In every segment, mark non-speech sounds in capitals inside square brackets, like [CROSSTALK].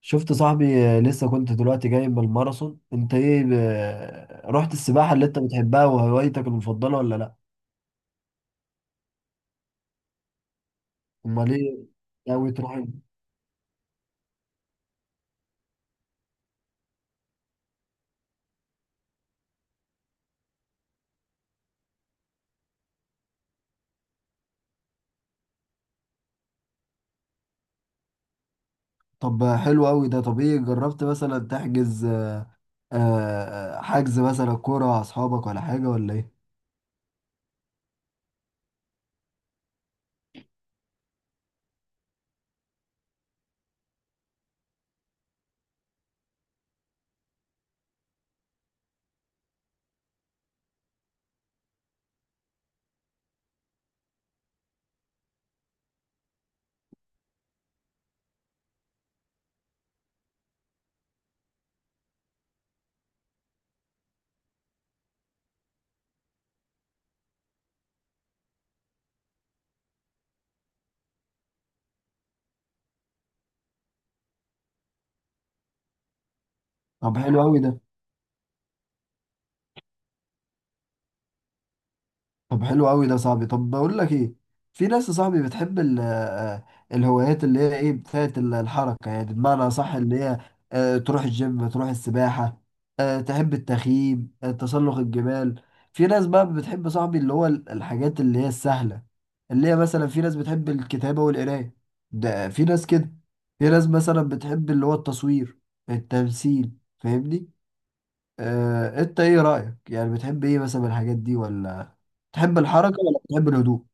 شفت صاحبي لسه كنت دلوقتي جاي من الماراثون. انت ايه؟ رحت السباحة اللي انت بتحبها وهوايتك المفضلة ولا لا؟ امال ايه؟ ناوي تروح؟ طب حلو قوي ده. طب ايه، جربت مثلا تحجز؟ حجز مثلا كورة مع اصحابك ولا حاجة ولا ايه؟ طب حلو قوي ده. طب حلو قوي ده يا صاحبي. طب بقول لك ايه، في ناس يا صاحبي بتحب الهوايات اللي هي ايه، بتاعت الحركه، يعني بمعنى صح، اللي هي تروح الجيم، تروح السباحه، تحب التخييم، تسلق الجبال. في ناس بقى بتحب يا صاحبي اللي هو الحاجات اللي هي السهله، اللي هي مثلا في ناس بتحب الكتابه والقرايه، ده في ناس كده. في ناس مثلا بتحب اللي هو التصوير، التمثيل، فاهمني؟ انت ايه رأيك؟ يعني بتحب ايه مثلا من الحاجات دي؟ ولا تحب الحركة ولا بتحب الهدوء؟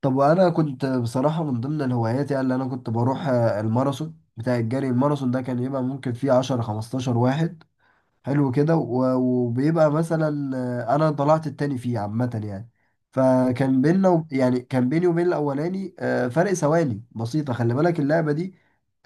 طب وانا كنت بصراحة من ضمن الهوايات، يعني اللي انا كنت بروح الماراثون بتاع الجري. الماراثون ده كان يبقى ممكن فيه 10 15 واحد، حلو كده. و- وبيبقى مثلا انا طلعت التاني فيه عامة يعني. يعني كان بيني وبين الاولاني فرق ثواني بسيطة. خلي بالك اللعبة دي،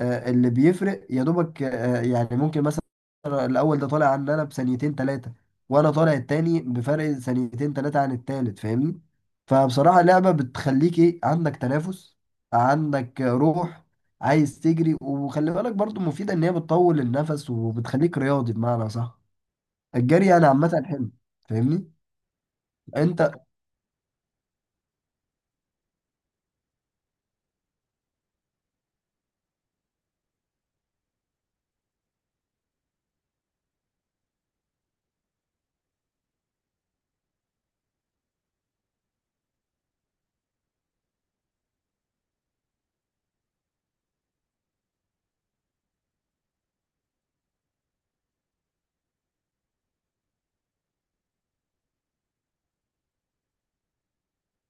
اللي بيفرق يا دوبك، يعني ممكن مثلا الاول ده طالع عن انا بثانيتين ثلاثة، وانا طالع التاني بفرق ثانيتين ثلاثة عن التالت، فاهمني؟ فبصراحة اللعبة بتخليك ايه، عندك تنافس، عندك روح، عايز تجري. وخلي بالك برضو مفيدة، ان هي بتطول النفس وبتخليك رياضي بمعنى صح. الجري يعني عامة حلو، فاهمني انت؟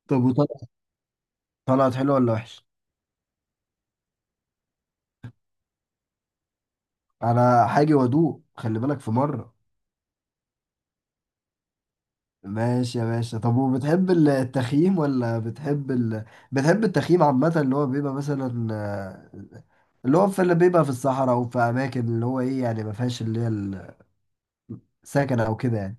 طب طلعت حلو ولا وحش؟ انا حاجة وادوق، خلي بالك، في مرة. ماشي يا باشا. طب وبتحب التخييم، ولا بتحب التخييم عامة، اللي هو بيبقى مثلا اللي هو في، اللي بيبقى في الصحراء وفي اماكن اللي هو ايه، يعني ما فيهاش اللي هي السكن او كده يعني؟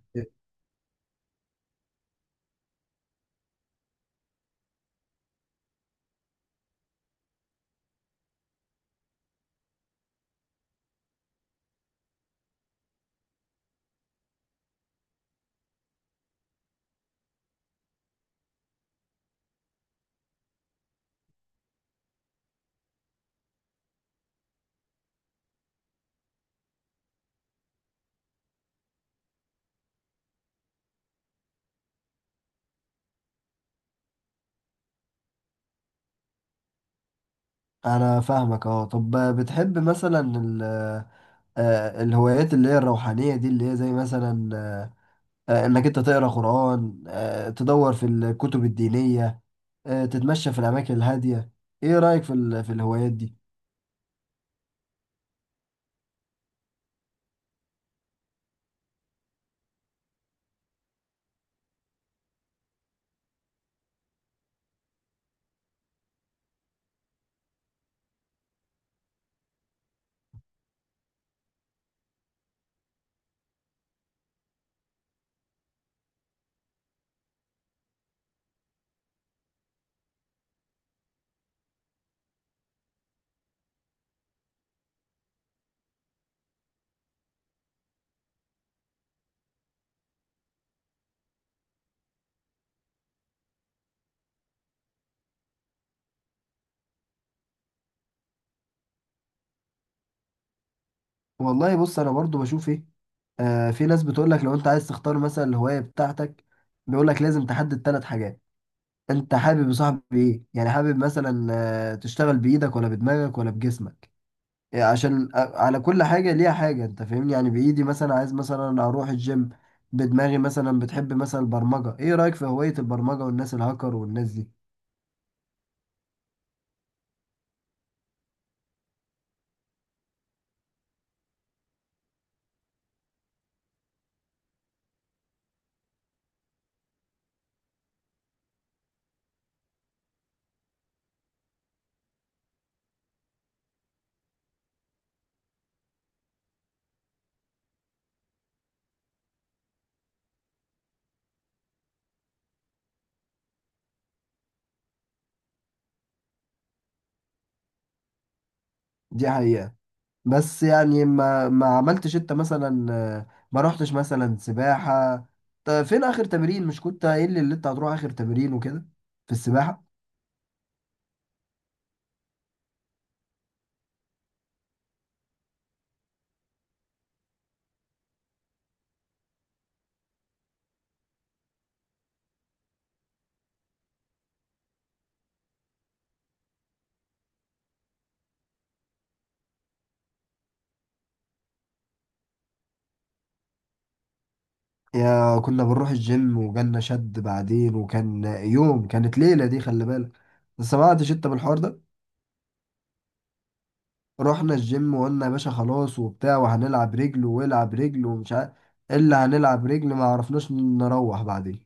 انا فاهمك، اه. طب بتحب مثلا ال... آه، الهوايات اللي هي الروحانية دي، اللي هي زي مثلا انك انت تقرا قرآن، تدور في الكتب الدينية، تتمشى في الاماكن الهادية، ايه رأيك في الهوايات دي؟ والله بص، انا برضو بشوف ايه، في ناس بتقول لك لو انت عايز تختار مثلا الهواية بتاعتك، بيقول لك لازم تحدد ثلاث حاجات. انت حابب يا صاحبي ايه؟ يعني حابب مثلا تشتغل بايدك ولا بدماغك ولا بجسمك. يعني عشان على كل حاجة ليها حاجة، انت فاهمني؟ يعني بإيدي مثلا عايز مثلا اروح الجيم، بدماغي مثلا بتحب مثلا البرمجة. ايه رأيك في هواية البرمجة والناس الهاكر والناس دي؟ دي حقيقة. بس يعني ما عملتش انت مثلا ما رحتش مثلا سباحة؟ طب فين اخر تمرين؟ مش كنت قايل لي اللي انت هتروح اخر تمرين وكده في السباحة؟ يا كنا بنروح الجيم وجالنا شد بعدين، وكان يوم، كانت ليلة دي، خلي بالك. سمعتش انت بالحوار ده؟ رحنا الجيم وقلنا يا باشا خلاص وبتاع، وهنلعب رجل والعب رجل ومش عارف، الا هنلعب رجل، ما عرفناش نروح بعدين.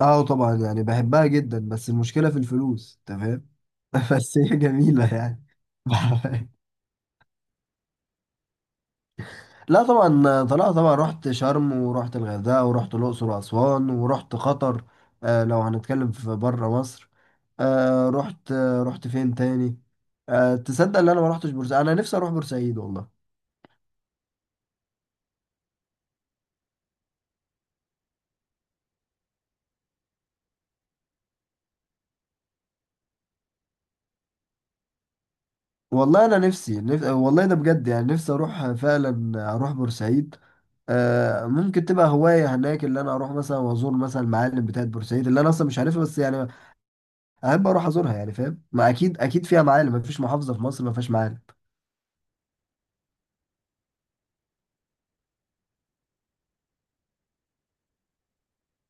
اه طبعا، يعني بحبها جدا، بس المشكلة في الفلوس، تمام. [LAUGHS] بس هي جميلة يعني. [LAUGHS] لا طبعا طلعت، طبعا رحت شرم، ورحت الغردقة، ورحت الأقصر وأسوان، ورحت قطر. آه، لو هنتكلم في بره مصر، رحت فين تاني؟ تصدق ان انا ما رحتش بورسعيد؟ انا نفسي اروح بورسعيد والله. والله انا نفسي والله ده بجد، يعني نفسي اروح فعلا، اروح بورسعيد. آه، ممكن تبقى هواية هناك، اللي انا اروح مثلا وازور مثلا المعالم بتاعت بورسعيد اللي انا اصلا مش عارفها، بس يعني احب اروح ازورها يعني، فاهم؟ ما اكيد اكيد فيها معالم، ما فيش محافظة في مصر ما فيهاش معالم.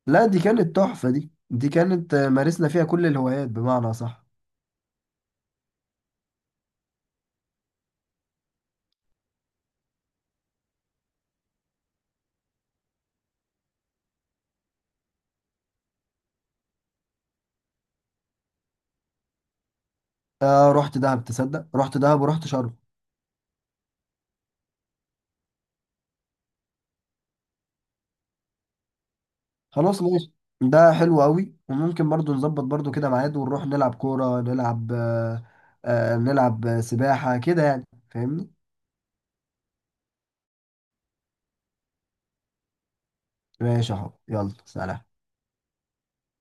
لا دي كانت تحفة، دي دي كانت مارسنا فيها كل الهوايات بمعنى صح. رحت دهب، تصدق رحت دهب ورحت شرم. خلاص ماشي. ده حلو قوي، وممكن برضو نظبط برضو كده ميعاد ونروح نلعب كورة، نلعب نلعب سباحة كده يعني، فاهمني؟ ماشي اهو، يلا سلام.